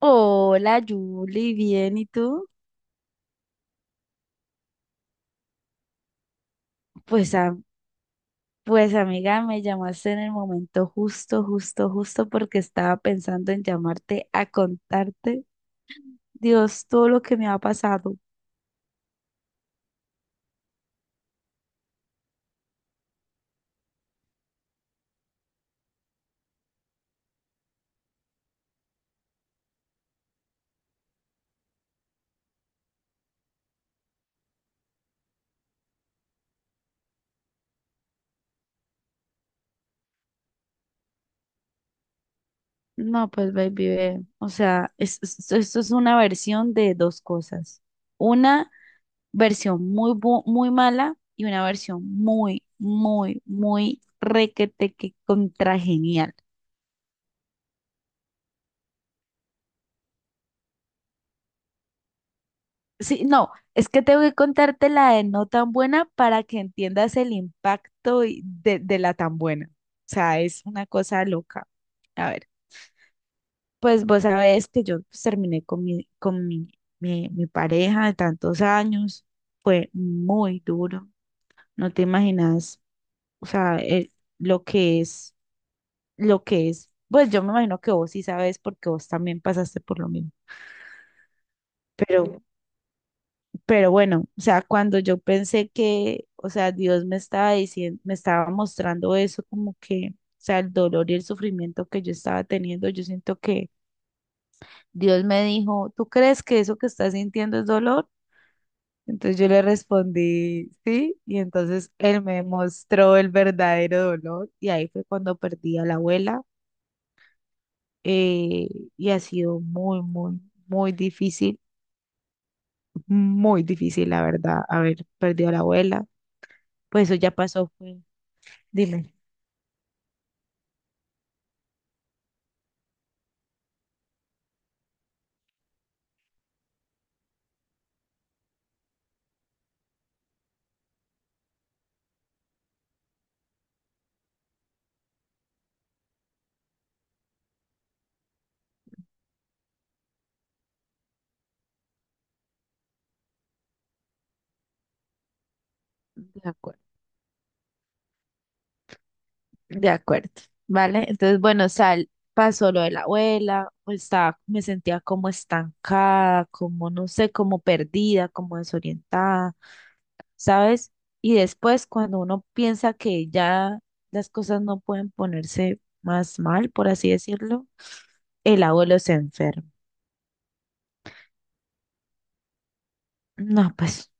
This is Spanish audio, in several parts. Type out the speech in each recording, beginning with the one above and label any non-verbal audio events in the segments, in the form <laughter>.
Hola, Julie, bien, ¿y tú? Pues, a- pues amiga, me llamaste en el momento justo, justo, justo porque estaba pensando en llamarte a contarte, Dios, todo lo que me ha pasado. No, pues baby, ve, o sea, esto es una versión de dos cosas. Una versión muy mala y una versión muy, muy, muy requete que contra. Sí, no, es que tengo que contarte la de no tan buena para que entiendas el impacto de la tan buena. O sea, es una cosa loca. A ver, pues vos sabés que yo pues, terminé con mi pareja de tantos años. Fue muy duro. No te imaginas, o sea, lo que es, lo que es. Pues yo me imagino que vos sí sabes porque vos también pasaste por lo mismo. Pero Pero bueno, o sea, cuando yo pensé que, o sea, Dios me estaba diciendo, me estaba mostrando eso como que, o sea, el dolor y el sufrimiento que yo estaba teniendo, yo siento que Dios me dijo, ¿tú crees que eso que estás sintiendo es dolor? Entonces yo le respondí, sí, y entonces él me mostró el verdadero dolor y ahí fue cuando perdí a la abuela, eh, y ha sido muy, muy, muy difícil, muy difícil, la verdad, haber perdido a la abuela. Pues eso ya pasó, fue... Dime. De acuerdo, de acuerdo, ¿vale? Entonces, bueno, sal, pasó lo de la abuela, pues, estaba, me sentía como estancada, como, no sé, como perdida, como desorientada, ¿sabes? Y después, cuando uno piensa que ya las cosas no pueden ponerse más mal, por así decirlo, el abuelo se enferma. No, pues,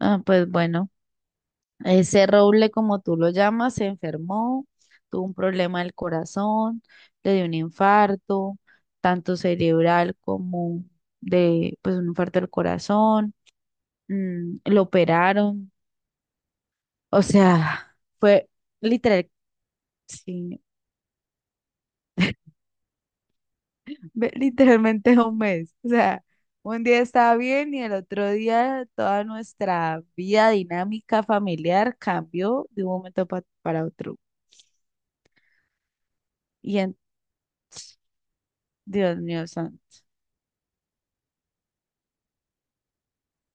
ah, pues bueno. Ese Roble, como tú lo llamas, se enfermó, tuvo un problema del corazón, le dio un infarto, tanto cerebral como de, pues, un infarto del corazón, lo operaron, o sea, fue literal, sí, literalmente 1 mes, o sea, un día estaba bien y el otro día toda nuestra vida dinámica familiar cambió de un para otro. Y en, Dios mío, santo.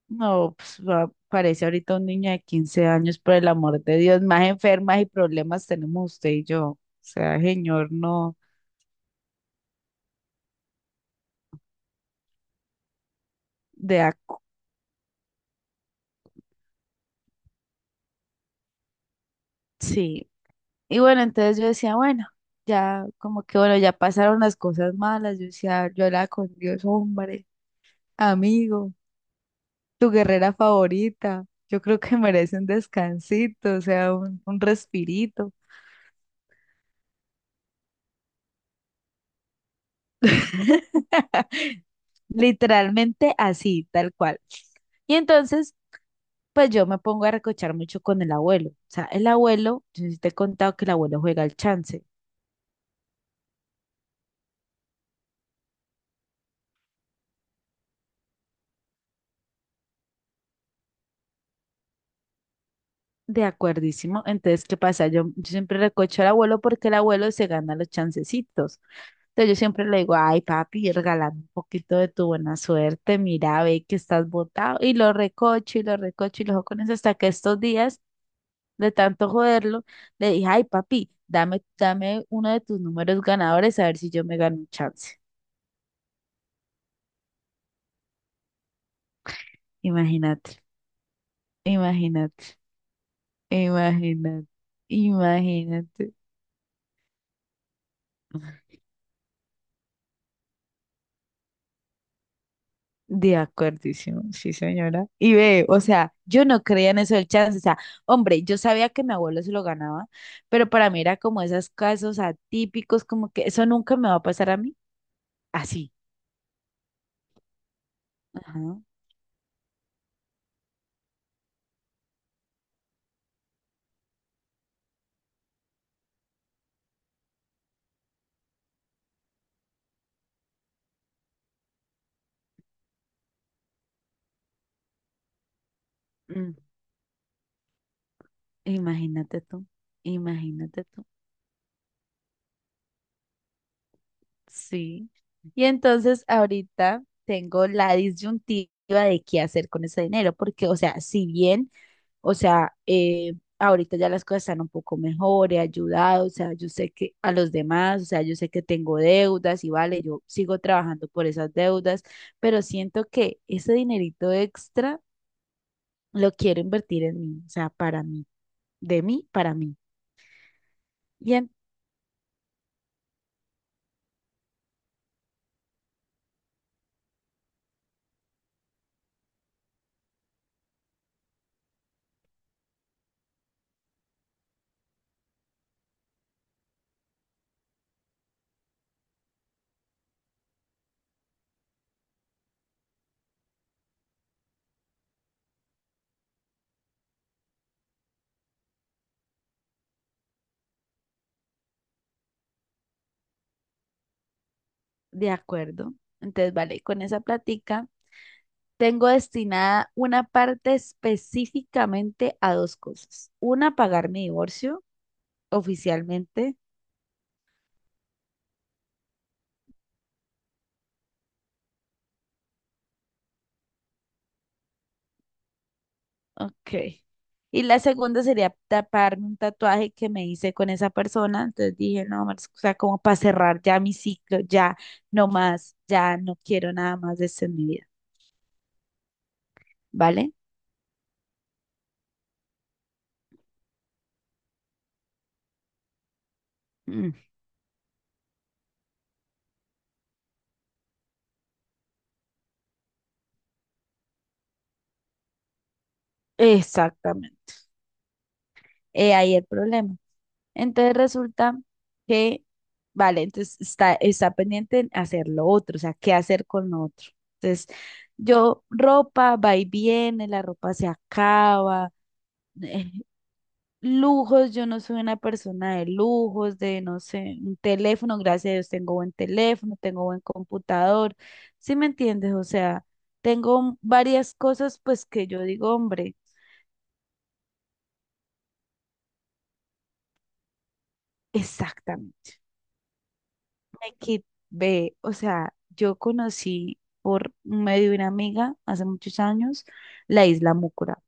No, pues, parece ahorita un niño de 15 años, por el amor de Dios, más enfermas y problemas tenemos usted y yo. O sea, señor, no, de acu- sí. Y bueno, entonces yo decía, bueno, ya como que bueno, ya pasaron las cosas malas. Yo decía, yo era con Dios, hombre, amigo, tu guerrera favorita. Yo creo que merece un descansito, o sea, un respirito. <laughs> Literalmente así, tal cual. Y entonces pues yo me pongo a recochar mucho con el abuelo. O sea, el abuelo, yo sí te he contado que el abuelo juega al chance. De acuerdísimo. Entonces, ¿qué pasa? Yo siempre recocho al abuelo porque el abuelo se gana los chancecitos. Entonces yo siempre le digo, ay papi, regálame un poquito de tu buena suerte, mira, ve que estás botado. Y lo recocho y lo recocho y lo juego con eso hasta que estos días, de tanto joderlo, le dije, ay papi, dame, dame uno de tus números ganadores a ver si yo me gano un chance. Imagínate, imagínate. Imagínate, imagínate. De acuerdísimo, sí, señora. Y ve, o sea, yo no creía en eso del chance. O sea, hombre, yo sabía que mi abuelo se lo ganaba, pero para mí era como esos casos atípicos, como que eso nunca me va a pasar a mí. Así. Ajá. Mm, imagínate tú, imagínate tú. Sí. Y entonces ahorita tengo la disyuntiva de qué hacer con ese dinero, porque, o sea, si bien... O sea, ahorita ya las cosas están un poco mejor, he ayudado, o sea, yo sé que a los demás, o sea, yo sé que tengo deudas y vale, yo sigo trabajando por esas deudas, pero siento que ese dinerito extra lo quiero invertir en mí, o sea, para mí, de mí, para mí. Bien, de acuerdo. Entonces, vale, con esa plática tengo destinada una parte específicamente a dos cosas. Una, pagar mi divorcio oficialmente. Ok. Y la segunda sería taparme un tatuaje que me hice con esa persona. Entonces dije, no, Marce, o sea, como para cerrar ya mi ciclo, ya no más, ya no quiero nada más de esto en mi vida, ¿vale? Mm, exactamente. He ahí el problema. Entonces resulta que, vale, entonces está, está pendiente en hacer lo otro, o sea, qué hacer con lo otro. Entonces, yo, ropa va y viene, la ropa se acaba. <laughs> Lujos, yo no soy una persona de lujos, de no sé, un teléfono, gracias a Dios tengo buen teléfono, tengo buen computador, ¿sí me entiendes? O sea, tengo varias cosas pues que yo digo, hombre, exactamente, ve, o sea, yo conocí por medio de una amiga hace muchos años la isla Mucura,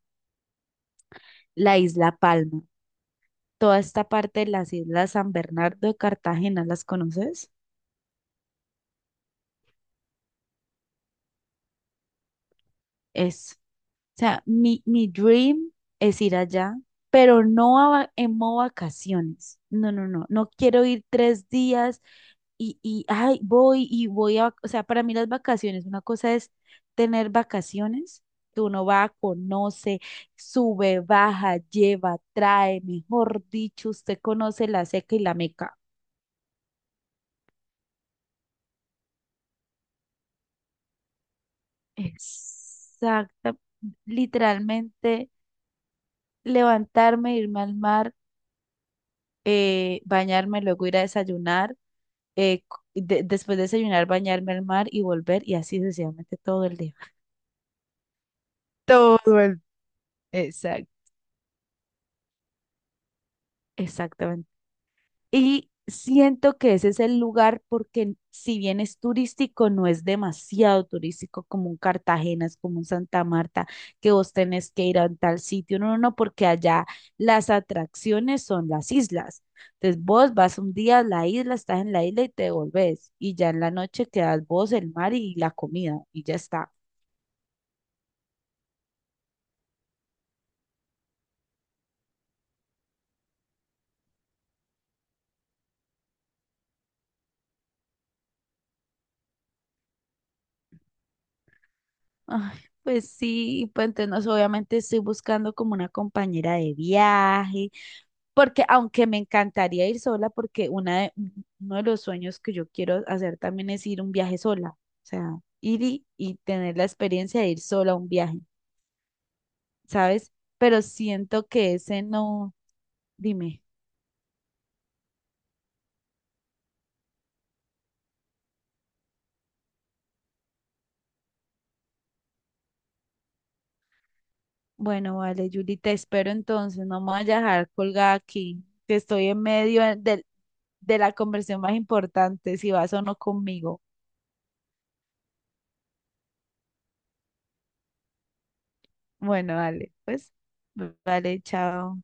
la isla Palma, toda esta parte de las islas San Bernardo de Cartagena, ¿las conoces? Es... O sea, mi dream es ir allá, pero no a va- en modo vacaciones. No, no, no. No quiero ir 3 días ay, voy y voy a, o sea, para mí las vacaciones, una cosa es tener vacaciones, que uno va, conoce, sube, baja, lleva, trae, mejor dicho, usted conoce la seca y la meca. Exacta, literalmente levantarme, irme al mar, bañarme, luego ir a desayunar, eh, después de desayunar, bañarme al mar y volver y así sucesivamente todo el día. Todo el... Exacto. Exactamente. Y siento que ese es el lugar porque si bien es turístico, no es demasiado turístico como un Cartagena, es como un Santa Marta, que vos tenés que ir a un tal sitio. No, no, no, porque allá las atracciones son las islas. Entonces vos vas un día a la isla, estás en la isla y te volvés. Y ya en la noche quedas vos, el mar y la comida y ya está. Ay, pues sí, y pues entonces no sé, obviamente estoy buscando como una compañera de viaje, porque aunque me encantaría ir sola, porque uno de los sueños que yo quiero hacer también es ir un viaje sola, o sea, ir y tener la experiencia de ir sola a un viaje, ¿sabes? Pero siento que ese no, dime, bueno, vale, Yuli, te espero entonces, no me voy a dejar colgada aquí, que estoy en medio de la conversión más importante, si vas o no conmigo. Bueno, vale, pues, vale, chao.